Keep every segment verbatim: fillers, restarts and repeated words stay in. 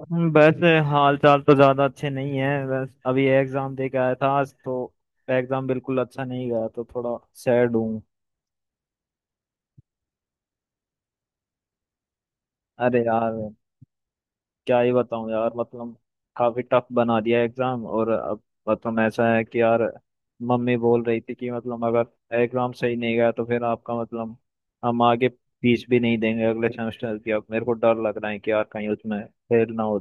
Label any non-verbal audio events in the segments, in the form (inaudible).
हम्म, वैसे हाल चाल तो ज्यादा अच्छे नहीं है। बस अभी एग्जाम दे के आया था आज तो। एग्जाम बिल्कुल अच्छा नहीं गया तो थोड़ा सैड हूँ। अरे यार क्या ही बताऊँ यार मतलब काफी टफ बना दिया एग्जाम। और अब मतलब ऐसा है कि यार मम्मी बोल रही थी कि मतलब अगर एग्जाम सही नहीं गया तो फिर आपका मतलब हम आगे फीस भी नहीं देंगे अगले सेमेस्टर की। अब मेरे को डर लग रहा है कि यार कहीं उसमें फेल ना हो।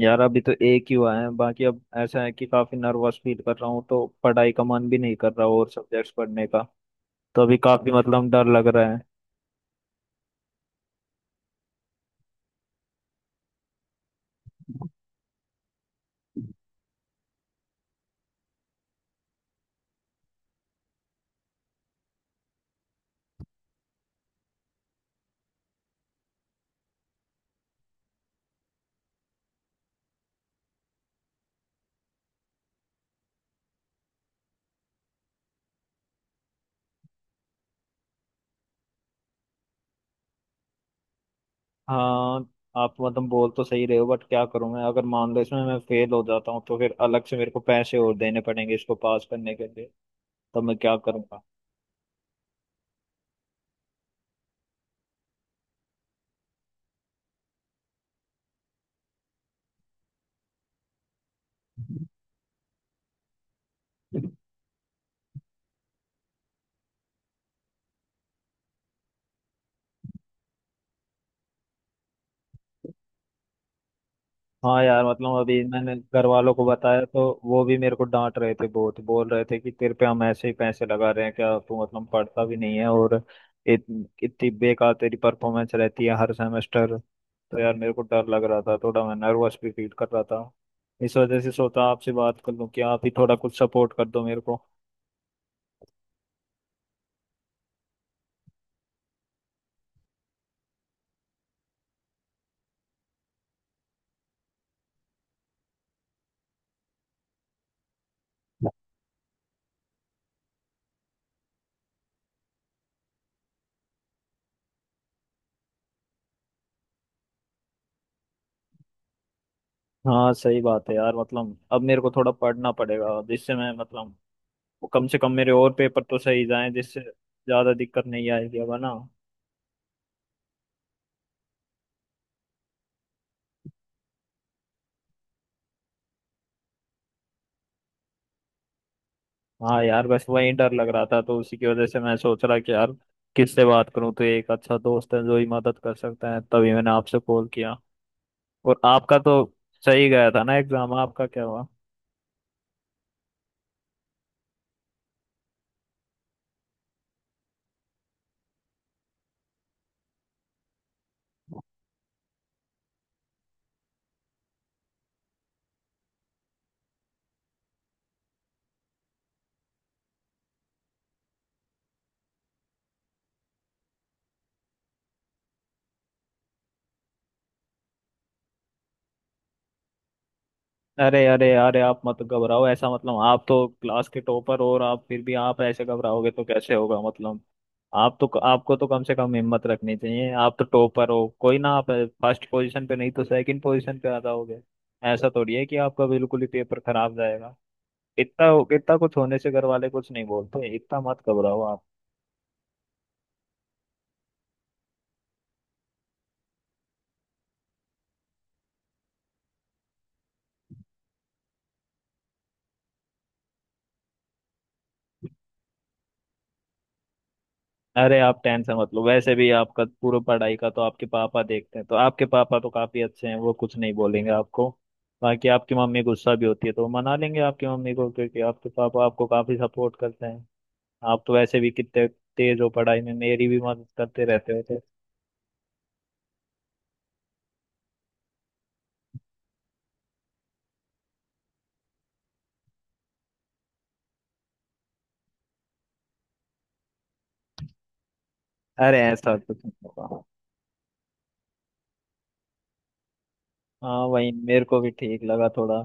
यार अभी तो एक ही हुआ है बाकी। अब ऐसा है कि काफी नर्वस फील कर रहा हूँ तो पढ़ाई का मन भी नहीं कर रहा और सब्जेक्ट्स पढ़ने का। तो अभी काफी मतलब डर लग रहा है। हाँ, आप मतलब बोल तो सही रहे हो बट क्या करूँ मैं। अगर मान लो इसमें मैं फेल हो जाता हूँ तो फिर अलग से मेरे को पैसे और देने पड़ेंगे इसको पास करने के लिए। तो मैं क्या करूँगा। हाँ यार मतलब अभी मैंने घर वालों को बताया तो वो भी मेरे को डांट रहे थे। बहुत बोल रहे थे कि तेरे पे हम ऐसे ही पैसे लगा रहे हैं क्या। तू मतलब पढ़ता भी नहीं है और इत, इतनी बेकार तेरी परफॉर्मेंस रहती है हर सेमेस्टर। तो यार मेरे को डर लग रहा था थोड़ा। मैं नर्वस भी फील कर रहा था। इस वजह से सोचा आपसे बात कर लूँ कि आप ही थोड़ा कुछ सपोर्ट कर दो मेरे को। हाँ सही बात है यार। मतलब अब मेरे को थोड़ा पढ़ना पड़ेगा जिससे मैं मतलब कम से कम मेरे और पेपर तो सही जाएं जिससे ज्यादा दिक्कत नहीं आएगी अब है ना। हाँ यार बस वही डर लग रहा था तो उसी की वजह से मैं सोच रहा कि यार किससे बात करूं। तो एक अच्छा दोस्त है जो ही मदद कर सकता है तभी मैंने आपसे कॉल किया। और आपका तो सही गया था ना एग्जाम, आपका क्या हुआ। अरे अरे अरे आप मत घबराओ ऐसा। मतलब आप तो क्लास के टॉपर हो और आप फिर भी आप ऐसे घबराओगे तो कैसे होगा। मतलब आप तो, आपको तो कम से कम हिम्मत रखनी चाहिए। आप तो टॉपर हो, कोई ना आप फर्स्ट पोजीशन पे नहीं तो सेकंड पोजीशन पे आ जाओगे। ऐसा थोड़ी है कि आपका बिल्कुल ही पेपर खराब जाएगा। इतना इतना कुछ होने से घर वाले कुछ नहीं बोलते। इतना मत घबराओ आप। अरे आप टेंशन मत लो। वैसे भी आपका पूरा पढ़ाई का तो आपके पापा देखते हैं। तो आपके पापा तो काफी अच्छे हैं, वो कुछ नहीं बोलेंगे आपको। बाकी आपकी मम्मी गुस्सा भी होती है तो वो मना लेंगे आपकी मम्मी को क्योंकि आपके पापा आपको काफी सपोर्ट करते हैं। आप तो वैसे भी कितने तेज हो पढ़ाई में, मेरी भी मदद करते रहते हो तो। अरे ऐसा कुछ नहीं होगा। हाँ वही मेरे को भी ठीक लगा थोड़ा।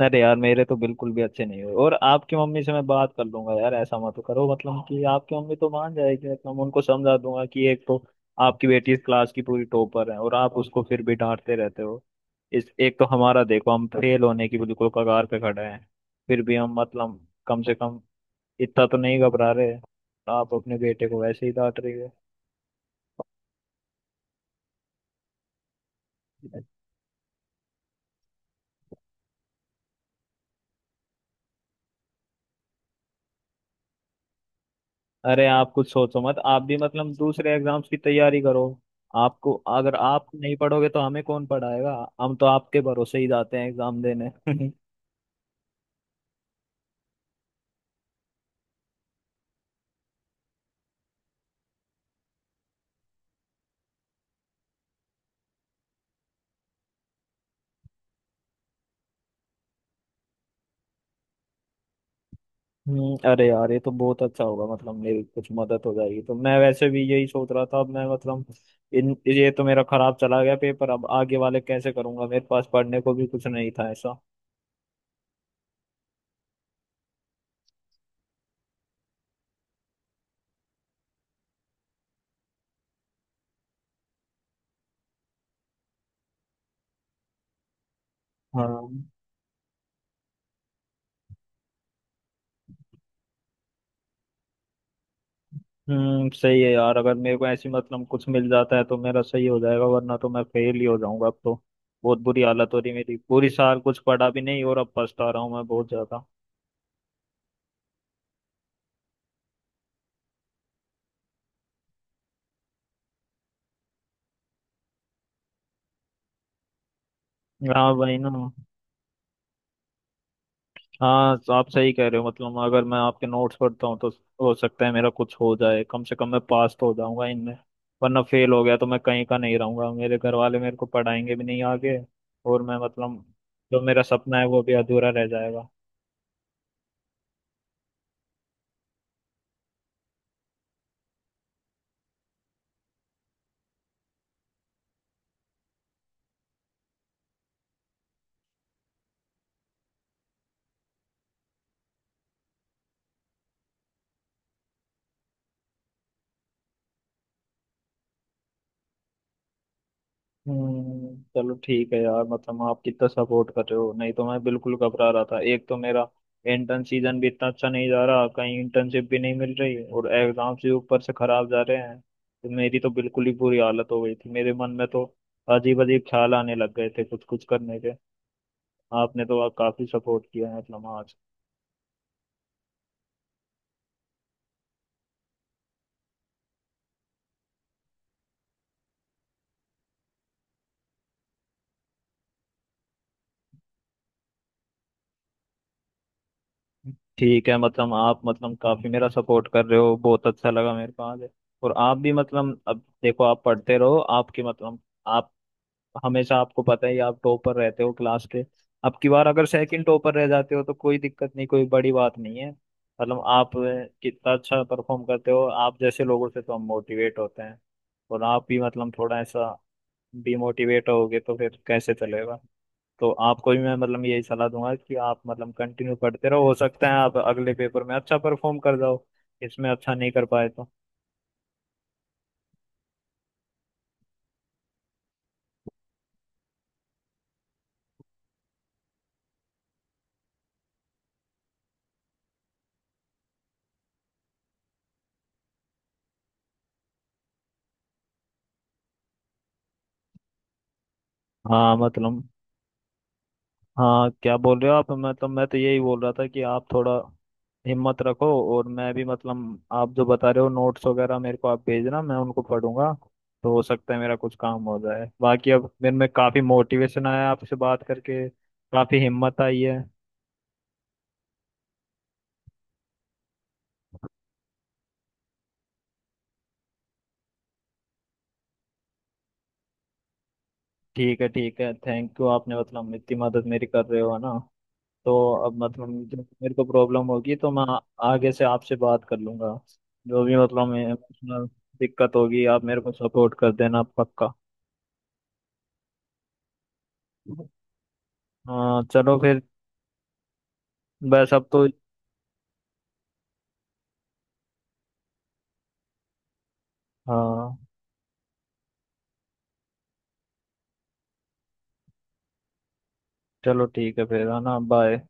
अरे यार मेरे तो बिल्कुल भी अच्छे नहीं हुए। और आपकी मम्मी से मैं बात कर लूंगा यार, ऐसा मत करो। मतलब कि आपकी मम्मी तो मान जाएगी। मतलब मैं उनको समझा दूंगा कि एक तो आपकी बेटी इस क्लास की पूरी टॉपर है और आप उसको फिर भी डांटते रहते हो। इस एक तो हमारा देखो, हम फेल होने की बिल्कुल कगार पे खड़े हैं फिर भी हम मतलब कम से कम इतना तो नहीं घबरा रहे। आप अपने बेटे को वैसे ही डांट रही हो। अरे आप कुछ सोचो मत। आप भी मतलब दूसरे एग्जाम्स की तैयारी करो। आपको, अगर आप नहीं पढ़ोगे तो हमें कौन पढ़ाएगा। हम तो आपके भरोसे ही जाते हैं एग्जाम देने। (laughs) हम्म, अरे यार ये तो बहुत अच्छा होगा। मतलब मेरी कुछ मदद हो जाएगी तो। मैं वैसे भी यही सोच रहा था अब मैं मतलब इन ये तो मेरा खराब चला गया पेपर, अब आगे वाले कैसे करूंगा। मेरे पास पढ़ने को भी कुछ नहीं था ऐसा। हाँ हम्म सही है यार। अगर मेरे को ऐसी मतलब कुछ मिल जाता है तो मेरा सही हो जाएगा, वरना तो मैं फेल ही हो जाऊंगा अब तो। बहुत बुरी हालत हो रही मेरी। पूरी साल कुछ पढ़ा भी नहीं और अब पछता रहा हूँ मैं बहुत ज्यादा। हाँ भाई ना। हाँ तो आप सही कह रहे हो। मतलब अगर मैं आपके नोट्स पढ़ता हूँ तो हो सकता है मेरा कुछ हो जाए। कम से कम मैं पास तो हो जाऊंगा इनमें। वरना फेल हो गया तो मैं कहीं का नहीं रहूंगा। मेरे घर वाले मेरे को पढ़ाएंगे भी नहीं आगे। और मैं मतलब जो मेरा सपना है वो भी अधूरा रह जाएगा। हम्म, चलो ठीक है यार। मतलब आप कितना सपोर्ट कर रहे हो, नहीं तो मैं बिल्कुल घबरा रहा था। एक तो मेरा इंटर्न सीजन भी इतना अच्छा नहीं जा रहा, कहीं इंटर्नशिप भी नहीं मिल रही और एग्जाम से ऊपर से खराब जा रहे हैं तो मेरी तो बिल्कुल ही बुरी हालत हो गई थी। मेरे मन में तो अजीब अजीब ख्याल आने लग गए थे कुछ कुछ करने के। आपने तो काफी सपोर्ट किया है मतलब आज। ठीक है, मतलब आप मतलब काफी मेरा सपोर्ट कर रहे हो। बहुत अच्छा लगा मेरे को आज। और आप भी मतलब अब देखो आप पढ़ते रहो। आपकी मतलब आप हमेशा, आपको पता ही है, आप टॉपर रहते हो क्लास के। अब की बार अगर सेकंड टॉपर रह जाते हो तो कोई दिक्कत नहीं, कोई बड़ी बात नहीं है। मतलब आप अ, कितना अच्छा परफॉर्म करते हो। आप जैसे लोगों से तो हम मोटिवेट होते हैं। और आप भी मतलब थोड़ा ऐसा डिमोटिवेट होगे तो फिर कैसे चलेगा। तो आपको भी मैं मतलब यही सलाह दूंगा कि आप मतलब कंटिन्यू पढ़ते रहो। हो सकता है आप अगले पेपर में अच्छा परफॉर्म कर जाओ। इसमें अच्छा नहीं कर पाए तो। हाँ मतलब, हाँ क्या बोल रहे हो आप। मतलब मैं तो यही बोल रहा था कि आप थोड़ा हिम्मत रखो। और मैं भी मतलब आप जो बता रहे हो नोट्स वगैरह मेरे को आप भेजना, मैं उनको पढ़ूंगा। तो हो सकता है मेरा कुछ काम हो जाए। बाकी अब मेरे में काफ़ी मोटिवेशन आया, आपसे बात करके काफ़ी हिम्मत आई है। ठीक है ठीक है, थैंक यू। आपने मतलब इतनी मदद मेरी कर रहे हो ना। तो अब मतलब जो मेरे को प्रॉब्लम होगी तो मैं आ- आगे से आपसे बात कर लूंगा। जो भी मतलब emotional दिक्कत होगी आप मेरे को सपोर्ट कर देना, पक्का। हाँ चलो फिर। बस अब तो। हाँ चलो ठीक है फिर, है ना, बाय।